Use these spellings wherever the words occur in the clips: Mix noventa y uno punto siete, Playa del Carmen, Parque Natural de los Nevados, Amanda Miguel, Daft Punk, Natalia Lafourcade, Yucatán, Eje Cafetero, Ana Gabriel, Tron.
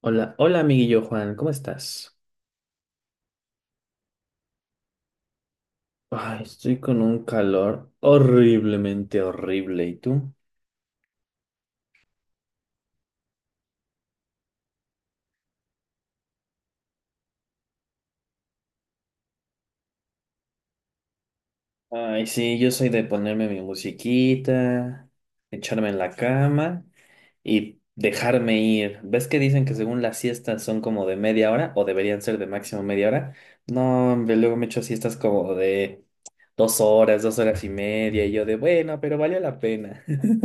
Hola, hola amiguillo Juan, ¿cómo estás? Ay, estoy con un calor horriblemente horrible, ¿y tú? Ay, sí, yo soy de ponerme mi musiquita, echarme en la cama y dejarme ir. ¿Ves que dicen que según las siestas son como de media hora o deberían ser de máximo media hora? No, hombre, luego me echo siestas como de 2 horas, 2 horas y media y yo de bueno, pero valió la pena.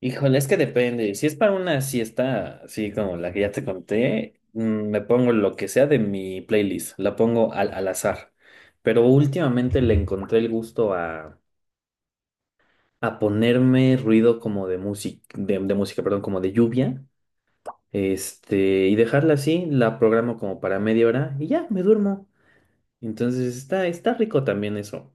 Híjole, es que depende. Si es para una siesta, así como la que ya te conté, me pongo lo que sea de mi playlist, la pongo al azar. Pero últimamente le encontré el gusto a ponerme ruido como de música, de música, perdón, como de lluvia, y dejarla así, la programo como para media hora y ya, me duermo. Entonces está rico también eso.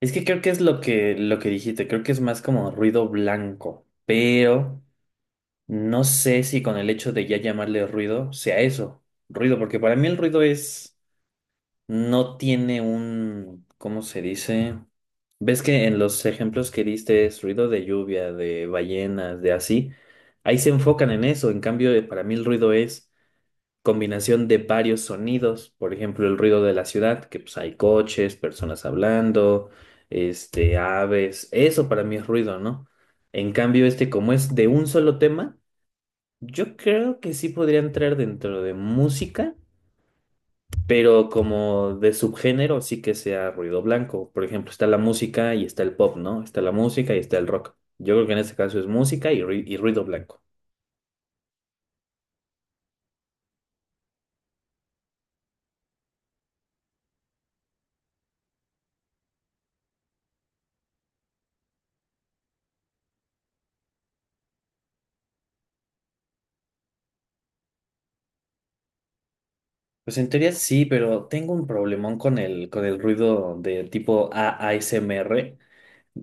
Es que creo que es lo que dijiste, creo que es más como ruido blanco, pero no sé si con el hecho de ya llamarle ruido sea eso, ruido, porque para mí el ruido es, no tiene un, ¿cómo se dice? ¿Ves que en los ejemplos que diste es ruido de lluvia, de ballenas, de así? Ahí se enfocan en eso, en cambio para mí el ruido es combinación de varios sonidos, por ejemplo el ruido de la ciudad, que pues hay coches, personas hablando, aves, eso para mí es ruido, ¿no? En cambio este como es de un solo tema yo creo que sí podría entrar dentro de música, pero como de subgénero sí que sea ruido blanco. Por ejemplo, está la música y está el pop, ¿no? Está la música y está el rock. Yo creo que en este caso es música y, y ruido blanco. Pues en teoría sí, pero tengo un problemón con el ruido de tipo ASMR.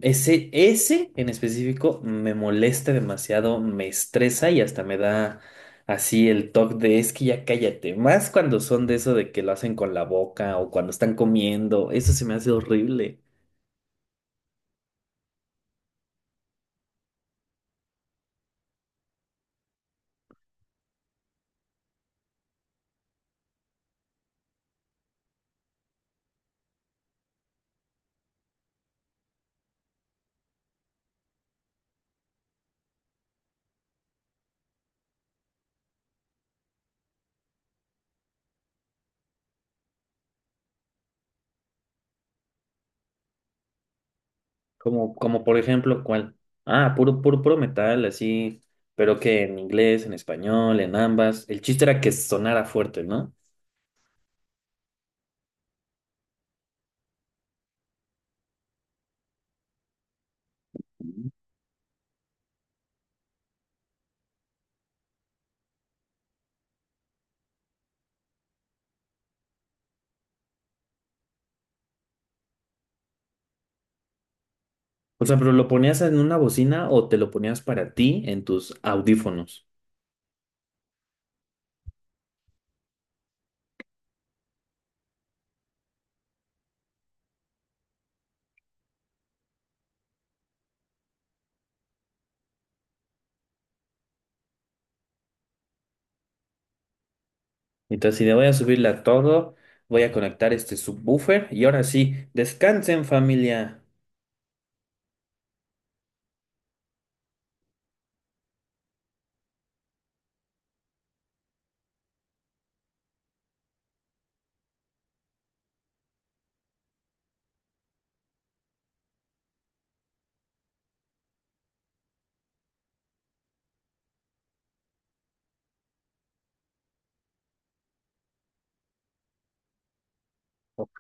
Ese, ese en específico me molesta demasiado, me estresa y hasta me da así el toque de es que ya cállate. Más cuando son de eso de que lo hacen con la boca o cuando están comiendo, eso se me hace horrible. Como, como por ejemplo, ¿cuál? Ah, puro, puro, puro metal, así, pero que en inglés, en español, en ambas. El chiste era que sonara fuerte, ¿no? O sea, pero lo ponías en una bocina o te lo ponías para ti en tus audífonos. Entonces, si le voy a subirla a todo, voy a conectar este subwoofer y ahora sí, descansen familia.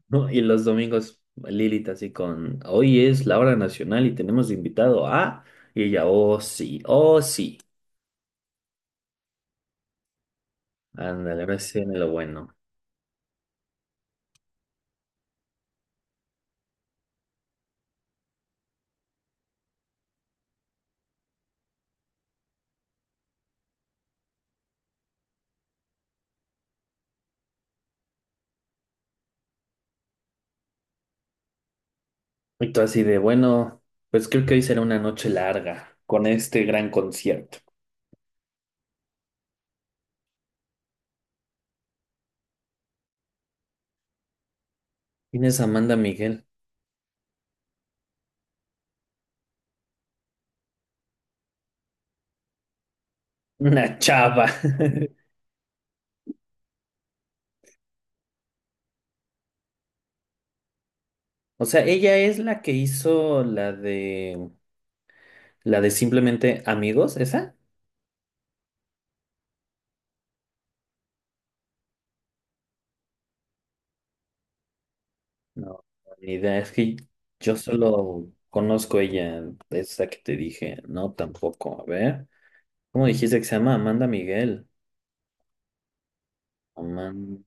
¿No? Y los domingos Lilith así con, hoy es la hora nacional y tenemos invitado a... Y ella, oh sí, oh sí. Ándale, ahora sí viene lo bueno. Y tú así de, bueno, pues creo que hoy será una noche larga con este gran concierto. ¿Quién es Amanda Miguel? Una chava. O sea, ella es la que hizo la de... La de simplemente amigos, ¿esa? No, ni idea, es que yo solo conozco ella, esa que te dije, no tampoco, a ver, ¿cómo dijiste que se llama Amanda Miguel? Aman-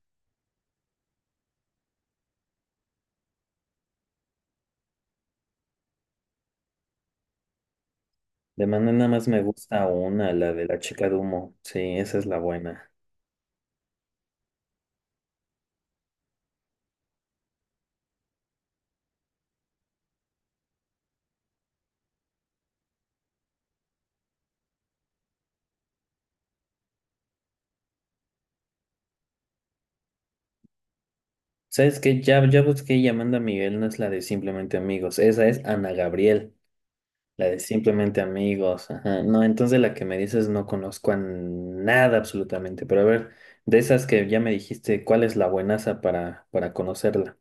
De Amanda nada más me gusta una, la de la chica de humo, sí, esa es la buena. ¿Sabes qué? Ya, ya busqué y Amanda Miguel no es la de Simplemente Amigos, esa es Ana Gabriel, la de Simplemente Amigos, ajá, no, entonces la que me dices no conozco a nada absolutamente, pero a ver, de esas que ya me dijiste, ¿cuál es la buenaza para conocerla?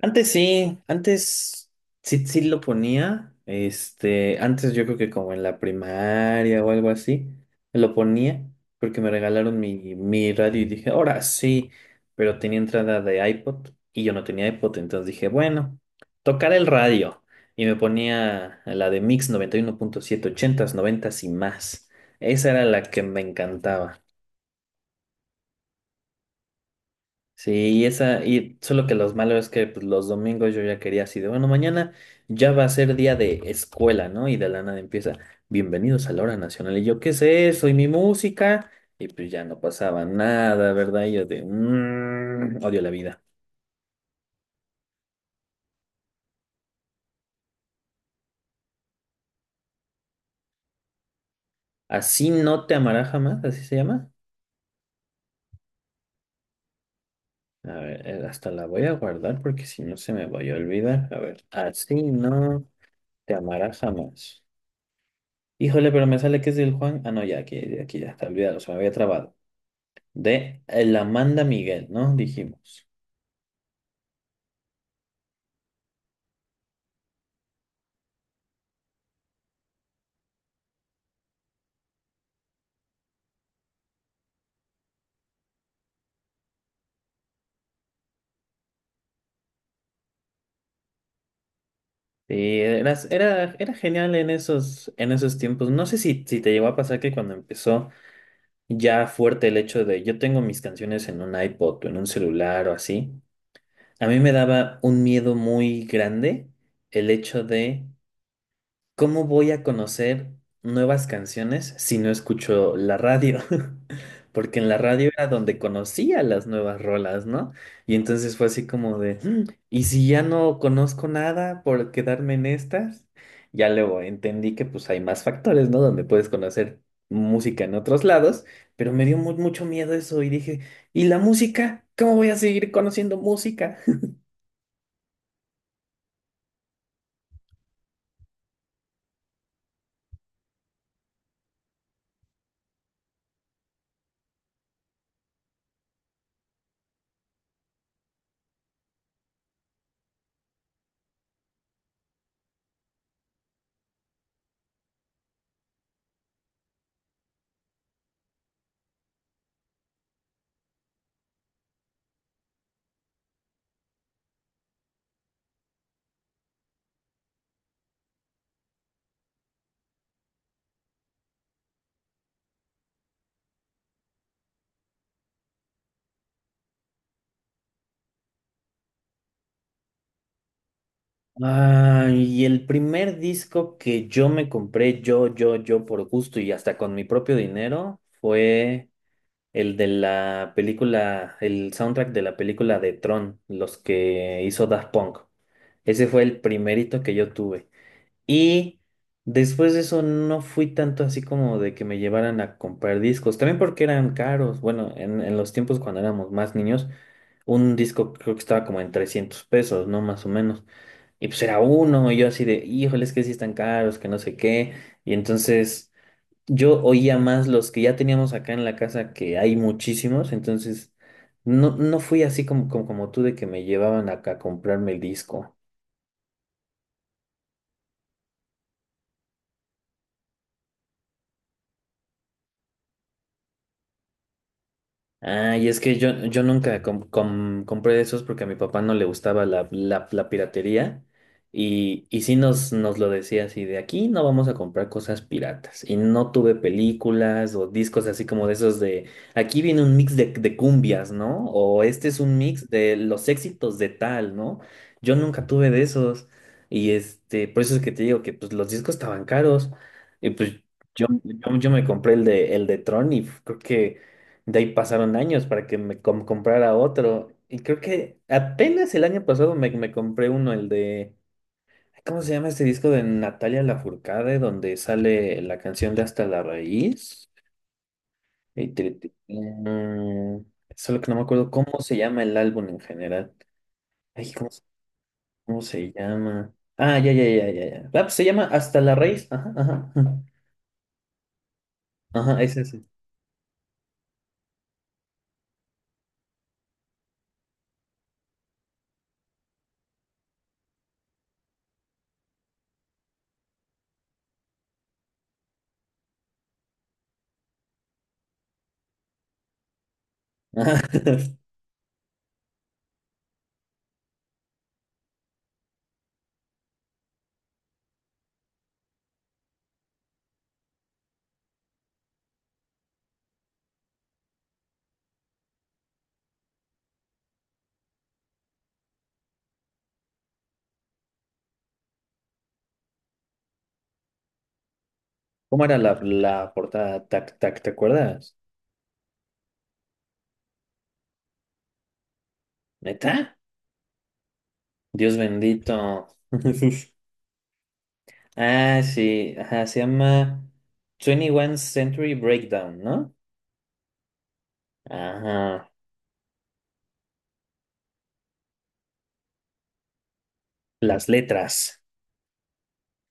Antes sí, sí lo ponía. Antes yo creo que como en la primaria o algo así, lo ponía porque me regalaron mi radio y dije, ahora sí, pero tenía entrada de iPod y yo no tenía iPod, entonces dije, bueno, tocar el radio. Y me ponía la de Mix 91.7 ochentas noventas y más. Esa era la que me encantaba. Sí, y esa, y solo que los malos es que pues, los domingos yo ya quería así de, bueno, mañana ya va a ser día de escuela, ¿no? Y de la nada empieza, bienvenidos a la hora nacional. Y yo, ¿qué es eso? Y mi música. Y pues ya no pasaba nada, ¿verdad? Y yo de, "Mm, odio la vida". Así no te amará jamás, así se llama. A ver, hasta la voy a guardar porque si no se me voy a olvidar. A ver, así no te amará jamás. Híjole, pero me sale que es del Juan. Ah, no, ya, aquí, aquí ya está, olvidado, se me había trabado. De la Amanda Miguel, ¿no? Dijimos. Era genial en esos tiempos. No sé si te llegó a pasar que cuando empezó ya fuerte el hecho de yo tengo mis canciones en un iPod o en un celular o así, a mí me daba un miedo muy grande el hecho de ¿cómo voy a conocer nuevas canciones si no escucho la radio? Porque en la radio era donde conocía las nuevas rolas, ¿no? Y entonces fue así como de, "Mm, ¿y si ya no conozco nada por quedarme en estas?". Ya luego entendí que pues hay más factores, ¿no? Donde puedes conocer música en otros lados, pero me dio mucho miedo eso y dije, ¿y la música? ¿Cómo voy a seguir conociendo música? Ah, y el primer disco que yo me compré, yo, por gusto y hasta con mi propio dinero, fue el de la película, el soundtrack de la película de Tron, los que hizo Daft Punk. Ese fue el primerito que yo tuve. Y después de eso no fui tanto así como de que me llevaran a comprar discos, también porque eran caros. Bueno, en los tiempos cuando éramos más niños, un disco creo que estaba como en 300 pesos, ¿no? Más o menos. Y pues era uno, y yo así de, híjole, es que sí están caros, que no sé qué. Y entonces yo oía más los que ya teníamos acá en la casa, que hay muchísimos, entonces no, no fui así como, como, como tú de que me llevaban acá a comprarme el disco. Ah, y es que yo nunca compré de esos porque a mi papá no le gustaba la piratería y sí nos, nos lo decía así de aquí no vamos a comprar cosas piratas y no tuve películas o discos así como de esos de aquí viene un mix de cumbias, ¿no? O este es un mix de los éxitos de tal, ¿no? Yo nunca tuve de esos y por eso es que te digo que pues los discos estaban caros y pues yo me compré el de Tron y creo que... De ahí pasaron años para que me comprara otro. Y creo que apenas el año pasado me compré uno, el de... ¿Cómo se llama este disco de Natalia Lafourcade? Donde sale la canción de Hasta la Raíz. Y solo que no me acuerdo cómo se llama el álbum en general. Ay, cómo se llama? Ah, ya, ya, ya, ya, ya. Ah, pues se llama Hasta la Raíz. Ajá, ajá. Ajá, ajá, es ese. Ajá. ¿Cómo era la portada? Tac tac, ¿te acuerdas? ¿Neta? Dios bendito. Ah, sí, ajá, se llama 21 Century Breakdown, ¿no? Ajá, las letras.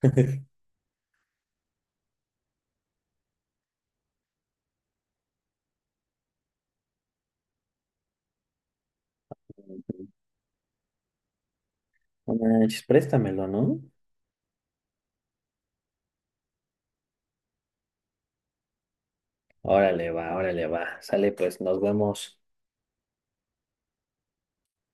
No manches, préstamelo, ¿no? Órale, va, órale, va. Sale, pues, nos vemos.